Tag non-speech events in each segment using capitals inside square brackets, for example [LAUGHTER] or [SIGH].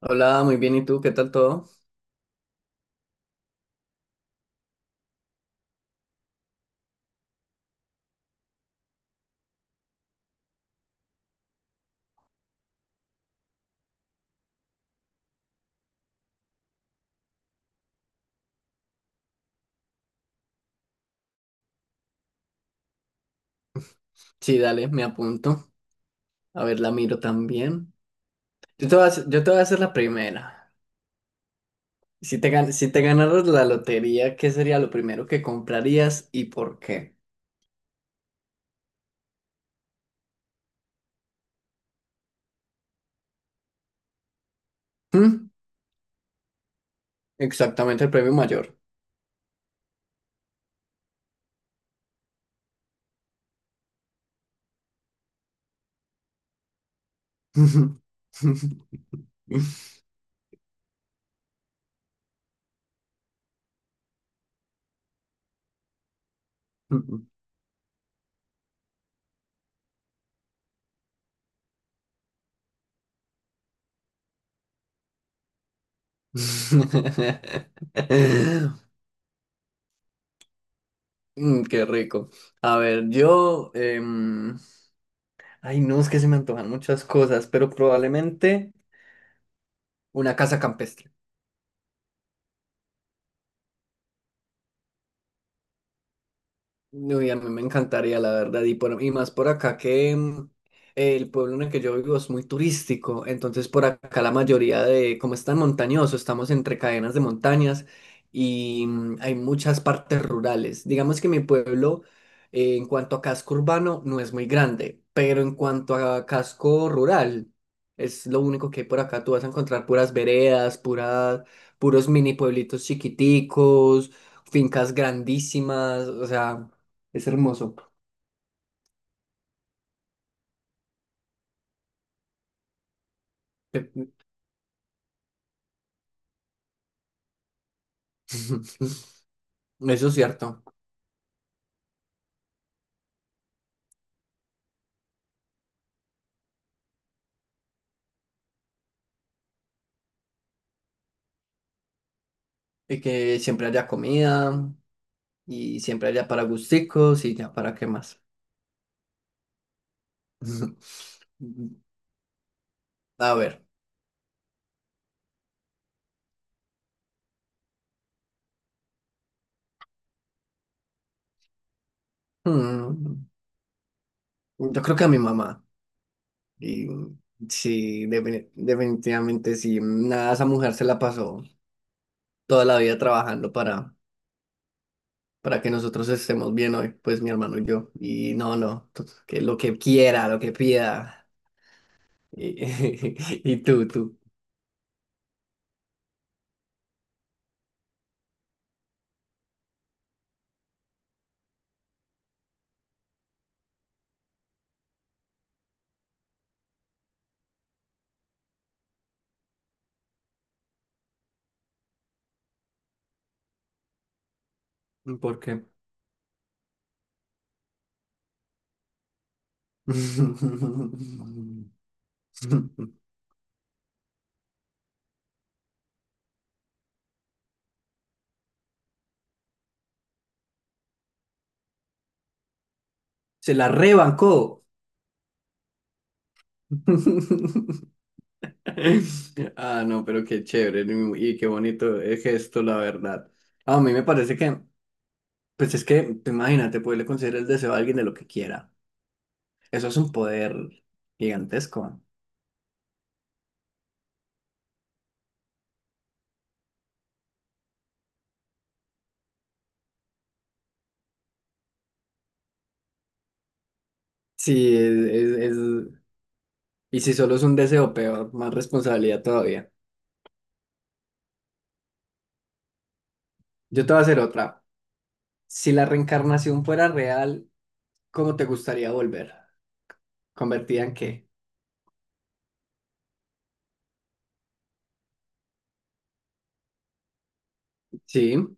Hola, muy bien. ¿Y tú? ¿Qué tal todo? Sí, dale, me apunto. A ver, la miro también. Yo te voy a hacer, yo te voy a hacer la primera. Si te ganaras la lotería, ¿qué sería lo primero que comprarías y por qué? ¿Mm? Exactamente el premio mayor. [LAUGHS] Mm, qué rico. A ver, yo... ay, no, es que se me antojan muchas cosas, pero probablemente una casa campestre. Uy, a mí me encantaría, la verdad, y, y más por acá que el pueblo en el que yo vivo es muy turístico, entonces por acá la mayoría de, como es tan montañoso, estamos entre cadenas de montañas y hay muchas partes rurales. Digamos que mi pueblo, en cuanto a casco urbano, no es muy grande, pero en cuanto a casco rural, es lo único que hay por acá, tú vas a encontrar puras veredas, puras, puros mini pueblitos chiquiticos, fincas grandísimas, o sea... Es hermoso. Pe- [LAUGHS] Eso es cierto. Y que siempre haya comida y siempre haya para gusticos y ya para qué más. [LAUGHS] A ver. mm, Yo creo que a mi mamá. Y sí, definitivamente sí. Nada, esa mujer se la pasó toda la vida trabajando para que nosotros estemos bien hoy, pues mi hermano y yo. Y no, no, que lo que quiera, lo que pida. Y, [LAUGHS] y tú. ¿Por qué? Se la rebancó. [LAUGHS] Ah, no, pero qué chévere y qué bonito el gesto, la verdad. Ah, a mí me parece que, pues es que, tú imagínate, poderle conceder el deseo a alguien de lo que quiera. Eso es un poder gigantesco. Sí, es, es. Y si solo es un deseo, peor, más responsabilidad todavía. Yo te voy a hacer otra. Si la reencarnación fuera real, ¿cómo te gustaría volver? ¿Convertida en qué? Sí.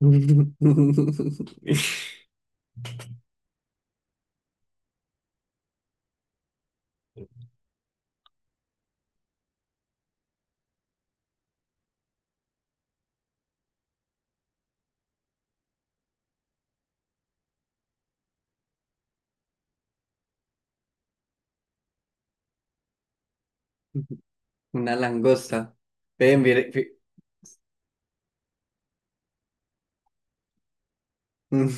[LAUGHS] Una langosta. Ven, mire, [LAUGHS] un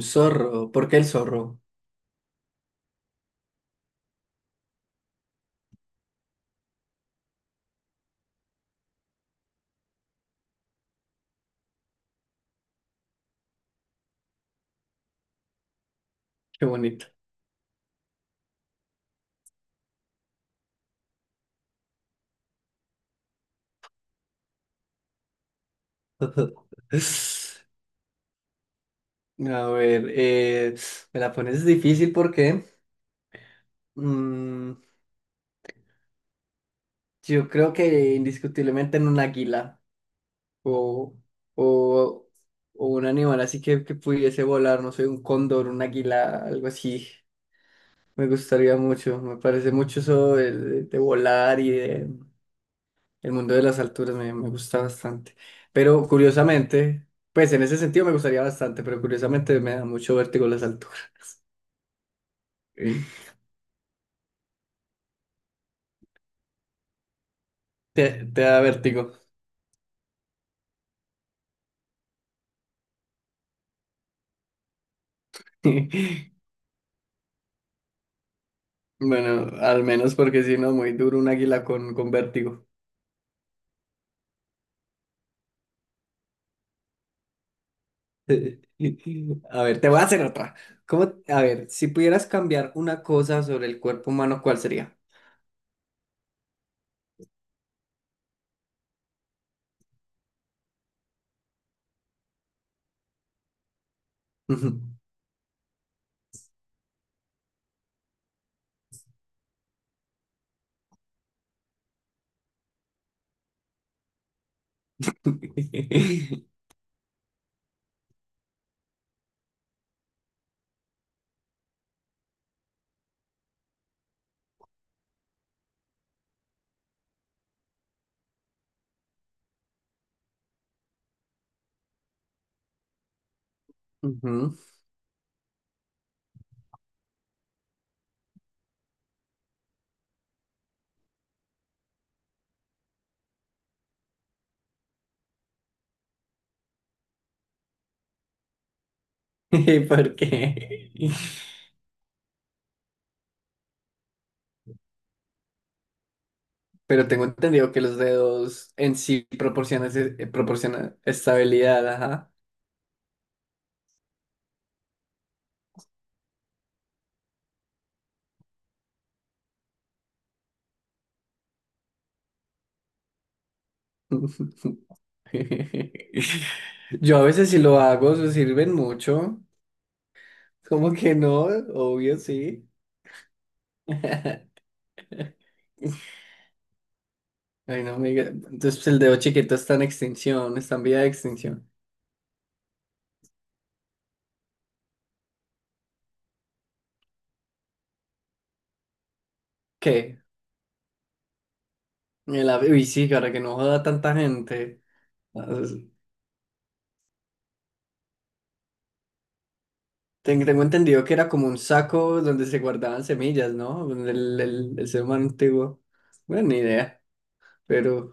zorro. ¿Por qué el zorro? Qué bonito. [LAUGHS] A ver, me la pones difícil porque mm, yo creo que indiscutiblemente en un águila o, o, o un animal así que pudiese volar, no sé, un cóndor, un águila, algo así. Me gustaría mucho, me parece mucho eso de, de volar y de, el mundo de las alturas me, me gusta bastante. Pero curiosamente, pues en ese sentido me gustaría bastante, pero curiosamente me da mucho vértigo las alturas. [LAUGHS] Sí. Te da vértigo. [LAUGHS] Bueno, al menos porque si no, muy duro un águila con vértigo. [LAUGHS] A ver, te voy a hacer otra. ¿Cómo, a ver, si pudieras cambiar una cosa sobre el cuerpo humano, ¿cuál sería? [LAUGHS] Ujú. [LAUGHS] ¿Por qué? Pero tengo entendido que los dedos en sí proporcionan, proporcionan estabilidad, ajá. [LAUGHS] Yo a veces si lo hago, se sirven mucho. ¿Cómo que no? Obvio, sí. [LAUGHS] Ay, no amiga. Entonces pues, el dedo chiquito está en extinción, está en vía de extinción. ¿Qué? El uy, sí, para que no joda tanta gente. Ah, tengo entendido que era como un saco donde se guardaban semillas, ¿no? El, el ser humano antiguo. Bueno, ni idea. Pero,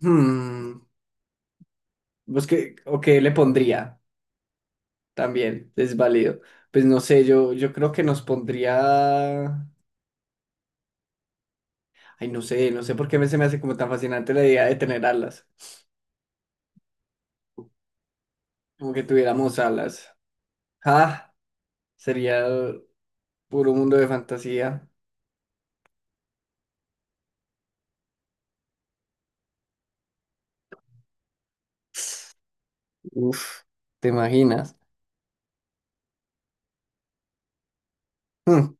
hmm, pues que, o qué le pondría también, es válido. Pues no sé, yo creo que nos pondría. Ay, no sé, no sé por qué se me hace como tan fascinante la idea de tener alas. Como que tuviéramos alas. Ah, sería puro mundo de fantasía. Uf, ¿te imaginas? Hmm,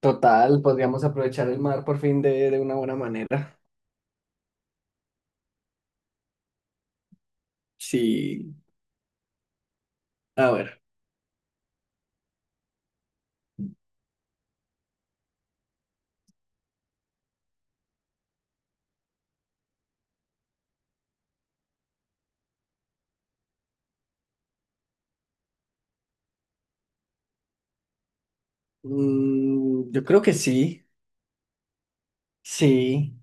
total, podríamos aprovechar el mar por fin de una buena manera. Sí, a ver. Yo creo que sí, sí.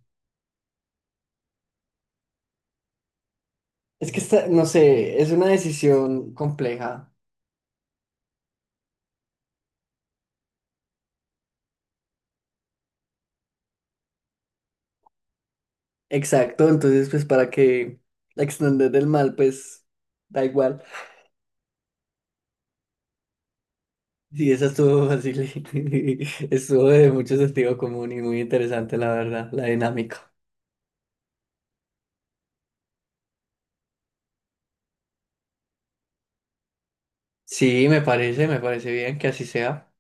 Es que está, no sé, es una decisión compleja. Exacto, entonces pues para que la extender del mal, pues da igual. Sí, esa estuvo fácil. [LAUGHS] Estuvo de mucho sentido común y muy interesante, la verdad, la dinámica. Sí, me parece bien que así sea.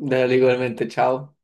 Dale igualmente, chao.